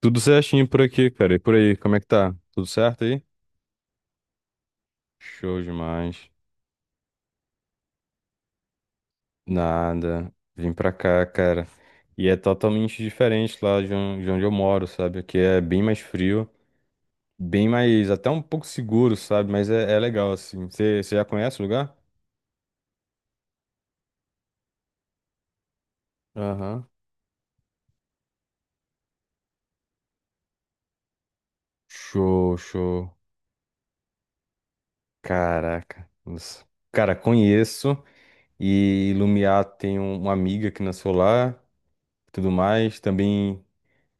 Tudo certinho por aqui, cara. E por aí, como é que tá? Tudo certo aí? Show demais. Nada. Vim pra cá, cara. E é totalmente diferente lá de onde eu moro, sabe? Aqui é bem mais frio, bem mais, até um pouco seguro, sabe? Mas é legal, assim. Você já conhece o lugar? Aham. Show, show. Caraca. Nossa. Cara, conheço. E Lumiar tem uma amiga que nasceu lá, tudo mais. Também.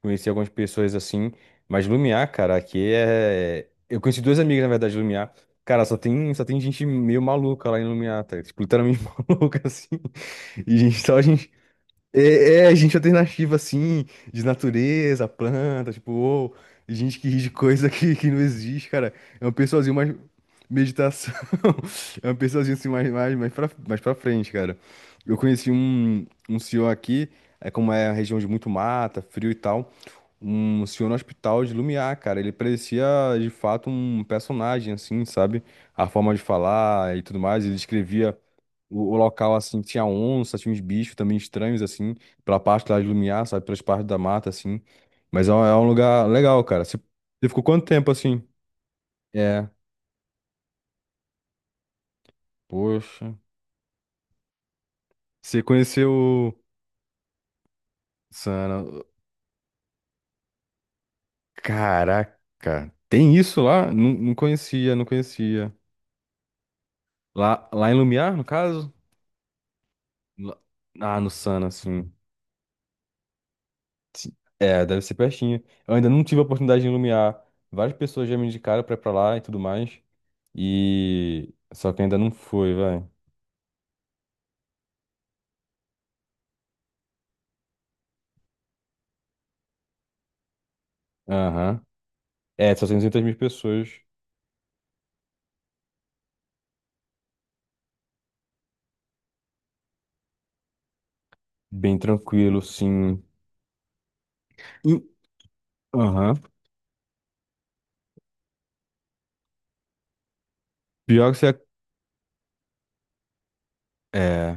Conheci algumas pessoas assim, mas Lumiar, cara, aqui é. Eu conheci duas amigas, na verdade, de Lumiar. Cara, só tem gente meio maluca lá em Lumiar, tá? Tipo, literalmente maluca, assim. E gente, só gente. Gente alternativa, assim, de natureza, planta, tipo, ou gente que ri de coisa que não existe, cara. É um pessoalzinho mais. Meditação. É um pessoalzinho assim, mais pra frente, cara. Eu conheci um senhor aqui, é como é a região de muito mata, frio e tal um senhor no hospital de Lumiar, cara. Ele parecia de fato um personagem, assim, sabe? A forma de falar e tudo mais. Ele descrevia o local, assim, tinha onça, tinha uns bichos também estranhos, assim, pela parte lá de Lumiar, sabe? Pelas partes da mata, assim. Mas é um lugar legal, cara. Você ficou quanto tempo assim? É, poxa. Você conheceu. Sana. Caraca, tem isso lá? Não conhecia, não conhecia. Lá em Lumiar, no caso? Lá- Ah, no Sana, sim. Sim. É, deve ser pertinho. Eu ainda não tive a oportunidade de Lumiar. Várias pessoas já me indicaram pra ir pra lá e tudo mais. E. Só que ainda não foi, vai. Aham. É, só 600 mil pessoas. Bem tranquilo, sim. E- Aham. Pior que você. Ac- É.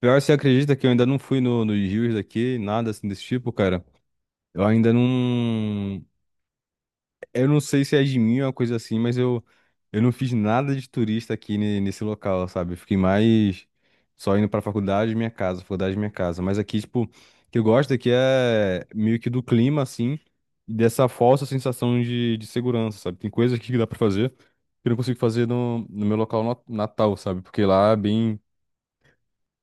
Pior que você acredita que eu ainda não fui nos rios daqui, nada assim desse tipo, cara. Eu ainda não. Eu não sei se é de mim ou uma coisa assim, mas eu não fiz nada de turista aqui ne- nesse local, sabe? Eu fiquei mais só indo pra faculdade e minha casa, faculdade e minha casa. Mas aqui, tipo, o que eu gosto aqui é meio que do clima, assim, e dessa falsa sensação de segurança, sabe? Tem coisas aqui que dá pra fazer que eu não consigo fazer no meu local na- natal, sabe? Porque lá é bem,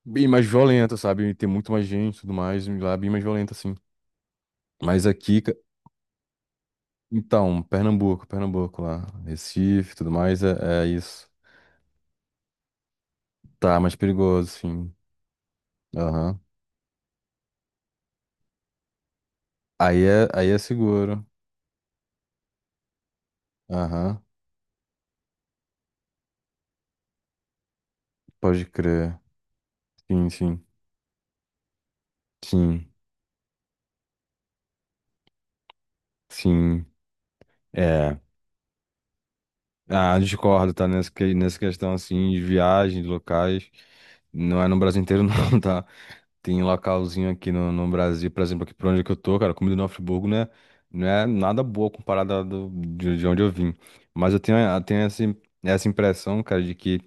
bem mais violento, sabe? Tem muito mais gente e tudo mais, e lá é bem mais violento, assim. Mas aqui, então, Pernambuco lá. Recife, tudo mais, é isso. Tá, mais perigoso, sim. Aham. Aí é seguro. Aham. Pode crer. Sim, sim. Sim, sim. É. Ah, discordo, tá? Nessa questão, assim, de viagem, de locais. Não é no Brasil inteiro, não, tá? Tem um localzinho aqui no Brasil, por exemplo, aqui por onde que eu tô, cara, a comida do Friburgo, né? Não é nada boa comparada de onde eu vim. Mas eu tenho essa, essa impressão, cara, de que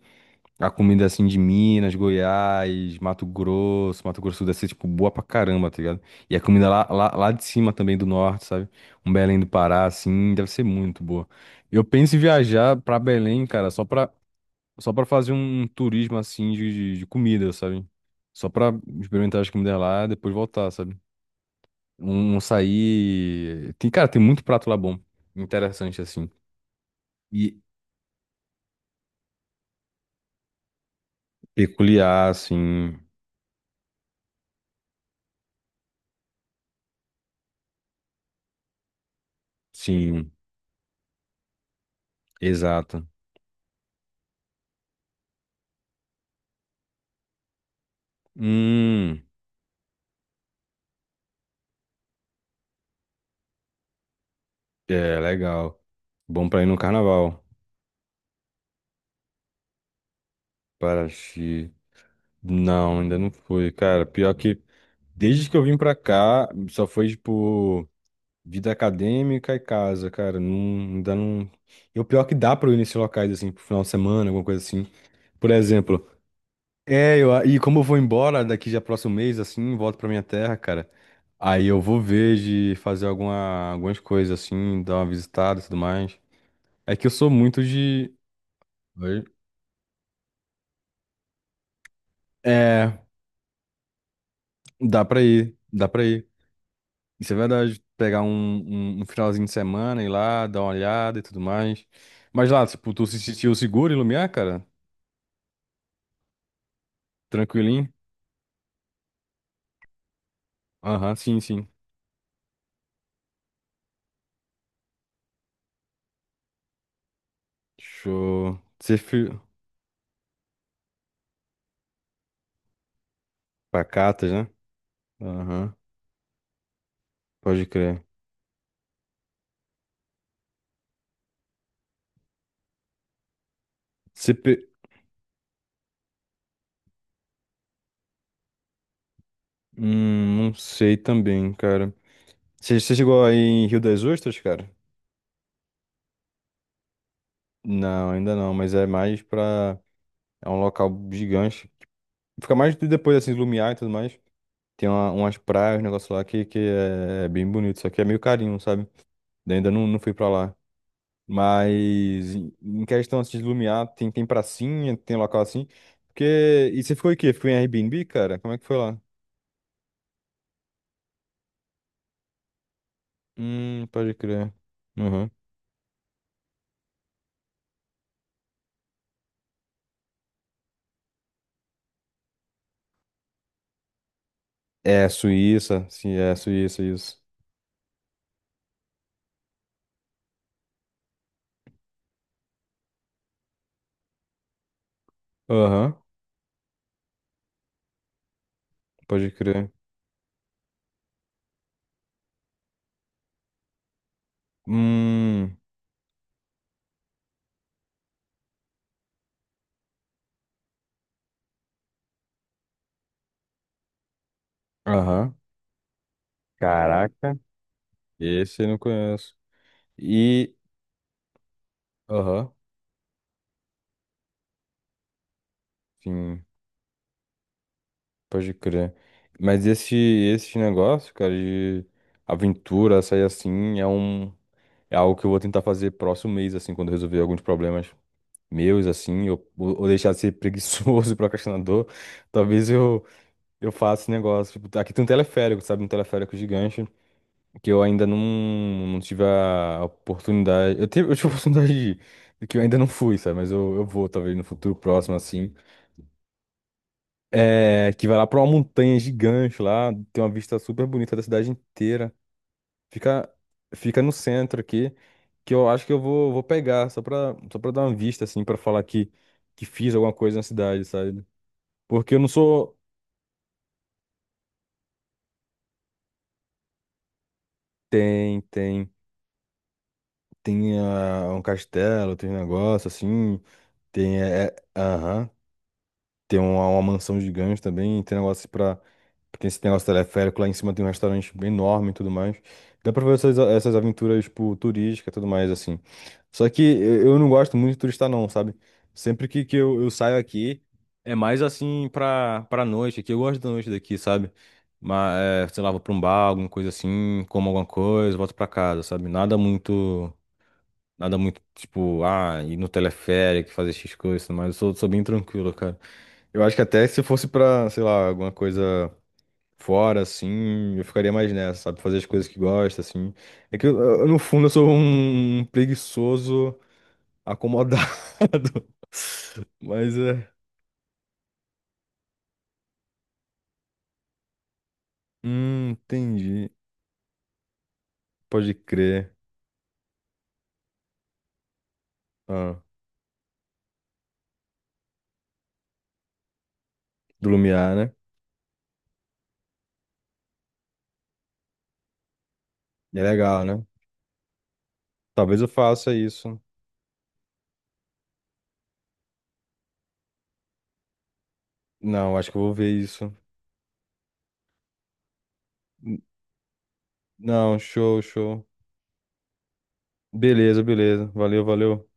a comida assim de Minas, Goiás, Mato Grosso, Mato Grosso do Sul, é tipo, boa pra caramba, tá ligado? E a comida lá de cima também do norte, sabe? Um Belém do Pará, assim, deve ser muito boa. Eu penso em viajar pra Belém, cara, só pra fazer um turismo assim de comida, sabe? Só pra experimentar as comidas lá e depois voltar, sabe? Um sair. Tem, cara, tem muito prato lá bom. Interessante, assim. E peculiar, assim. Sim, exato. Hum, é legal. Bom pra ir no carnaval. Paraty. Não, ainda não foi. Cara, pior que desde que eu vim pra cá, só foi tipo. Vida acadêmica e casa, cara, não, ainda não. E o pior é que dá pra eu ir nesses locais, assim, pro final de semana, alguma coisa assim. Por exemplo, e como eu vou embora daqui já próximo mês, assim, volto pra minha terra, cara. Aí eu vou ver de fazer algumas coisas, assim, dar uma visitada e tudo mais. É que eu sou muito de. Oi? É, dá pra ir. Isso é verdade. Pegar um finalzinho de semana, ir lá, dar uma olhada e tudo mais. Mas lá, tipo, tu se sentiu seguro em Lumiar, cara? Tranquilinho? Aham, sim, sim. Show. Você fi... Pacatas, né? Aham, pode crer. Você pe... não sei também, cara. Você chegou aí em Rio das Ostras, cara? Não, ainda não, mas é mais pra... É um local gigante. Fica mais de- depois, assim, do Lumiar e tudo mais. Tem uma- umas praias, um negócio lá que é, é bem bonito, só que é meio carinho, sabe? Daí ainda não, não fui pra lá. Mas em questão assim, de Lumiar, tem pracinha, tem local assim. Porque. E você ficou em quê? Ficou em Airbnb, cara? Como é que foi lá? Pode crer. Uhum. É, Suíça. Sim, é Suíça, isso. Aham, pode crer. Hum, aham. Caraca. Esse eu não conheço. E. Aham, sim, pode crer. Mas esse negócio, cara, de aventura, sair assim, é um. É algo que eu vou tentar fazer próximo mês, assim, quando eu resolver alguns problemas meus, assim, ou deixar de ser preguiçoso e procrastinador. Talvez eu, eu faça esse negócio. Tipo, aqui tem um teleférico, sabe? Um teleférico gigante, que eu ainda não, não tive a oportunidade. Eu tive a oportunidade de ir, de que eu ainda não fui, sabe? Mas eu vou, talvez, no futuro próximo, assim. É, que vai lá pra uma montanha gigante lá, tem uma vista super bonita da cidade inteira. Fica, fica no centro aqui, que eu acho que vou pegar, só pra dar uma vista, assim, pra falar que fiz alguma coisa na cidade, sabe? Porque eu não sou. Tem, tem. Tem ah, um castelo, tem um negócio assim. Tem. Aham. Tem uma mansão gigante também, tem negócio pra. Tem esse negócio teleférico, lá em cima tem um restaurante bem enorme e tudo mais. Dá pra ver essas, essas aventuras, tipo, turísticas e tudo mais, assim. Só que eu não gosto muito de turista, não, sabe? Sempre que eu saio aqui, é mais assim pra noite, que eu gosto da noite daqui, sabe? Mas, é, sei lá, vou pra um bar, alguma coisa assim, como alguma coisa, volto pra casa, sabe? Nada muito. Nada muito, tipo, ah, ir no teleférico, fazer X coisas, mas sou bem tranquilo, cara. Eu acho que até se fosse pra, sei lá, alguma coisa fora, assim, eu ficaria mais nessa, sabe? Fazer as coisas que gosta, assim. É que, no fundo, eu sou um preguiçoso acomodado. Mas é. Entendi. Pode crer. Ah, do Lumiar, né? É legal, né? Talvez eu faça isso. Não, acho que eu vou ver isso. N- Não, show, show. Beleza, beleza. Valeu, valeu.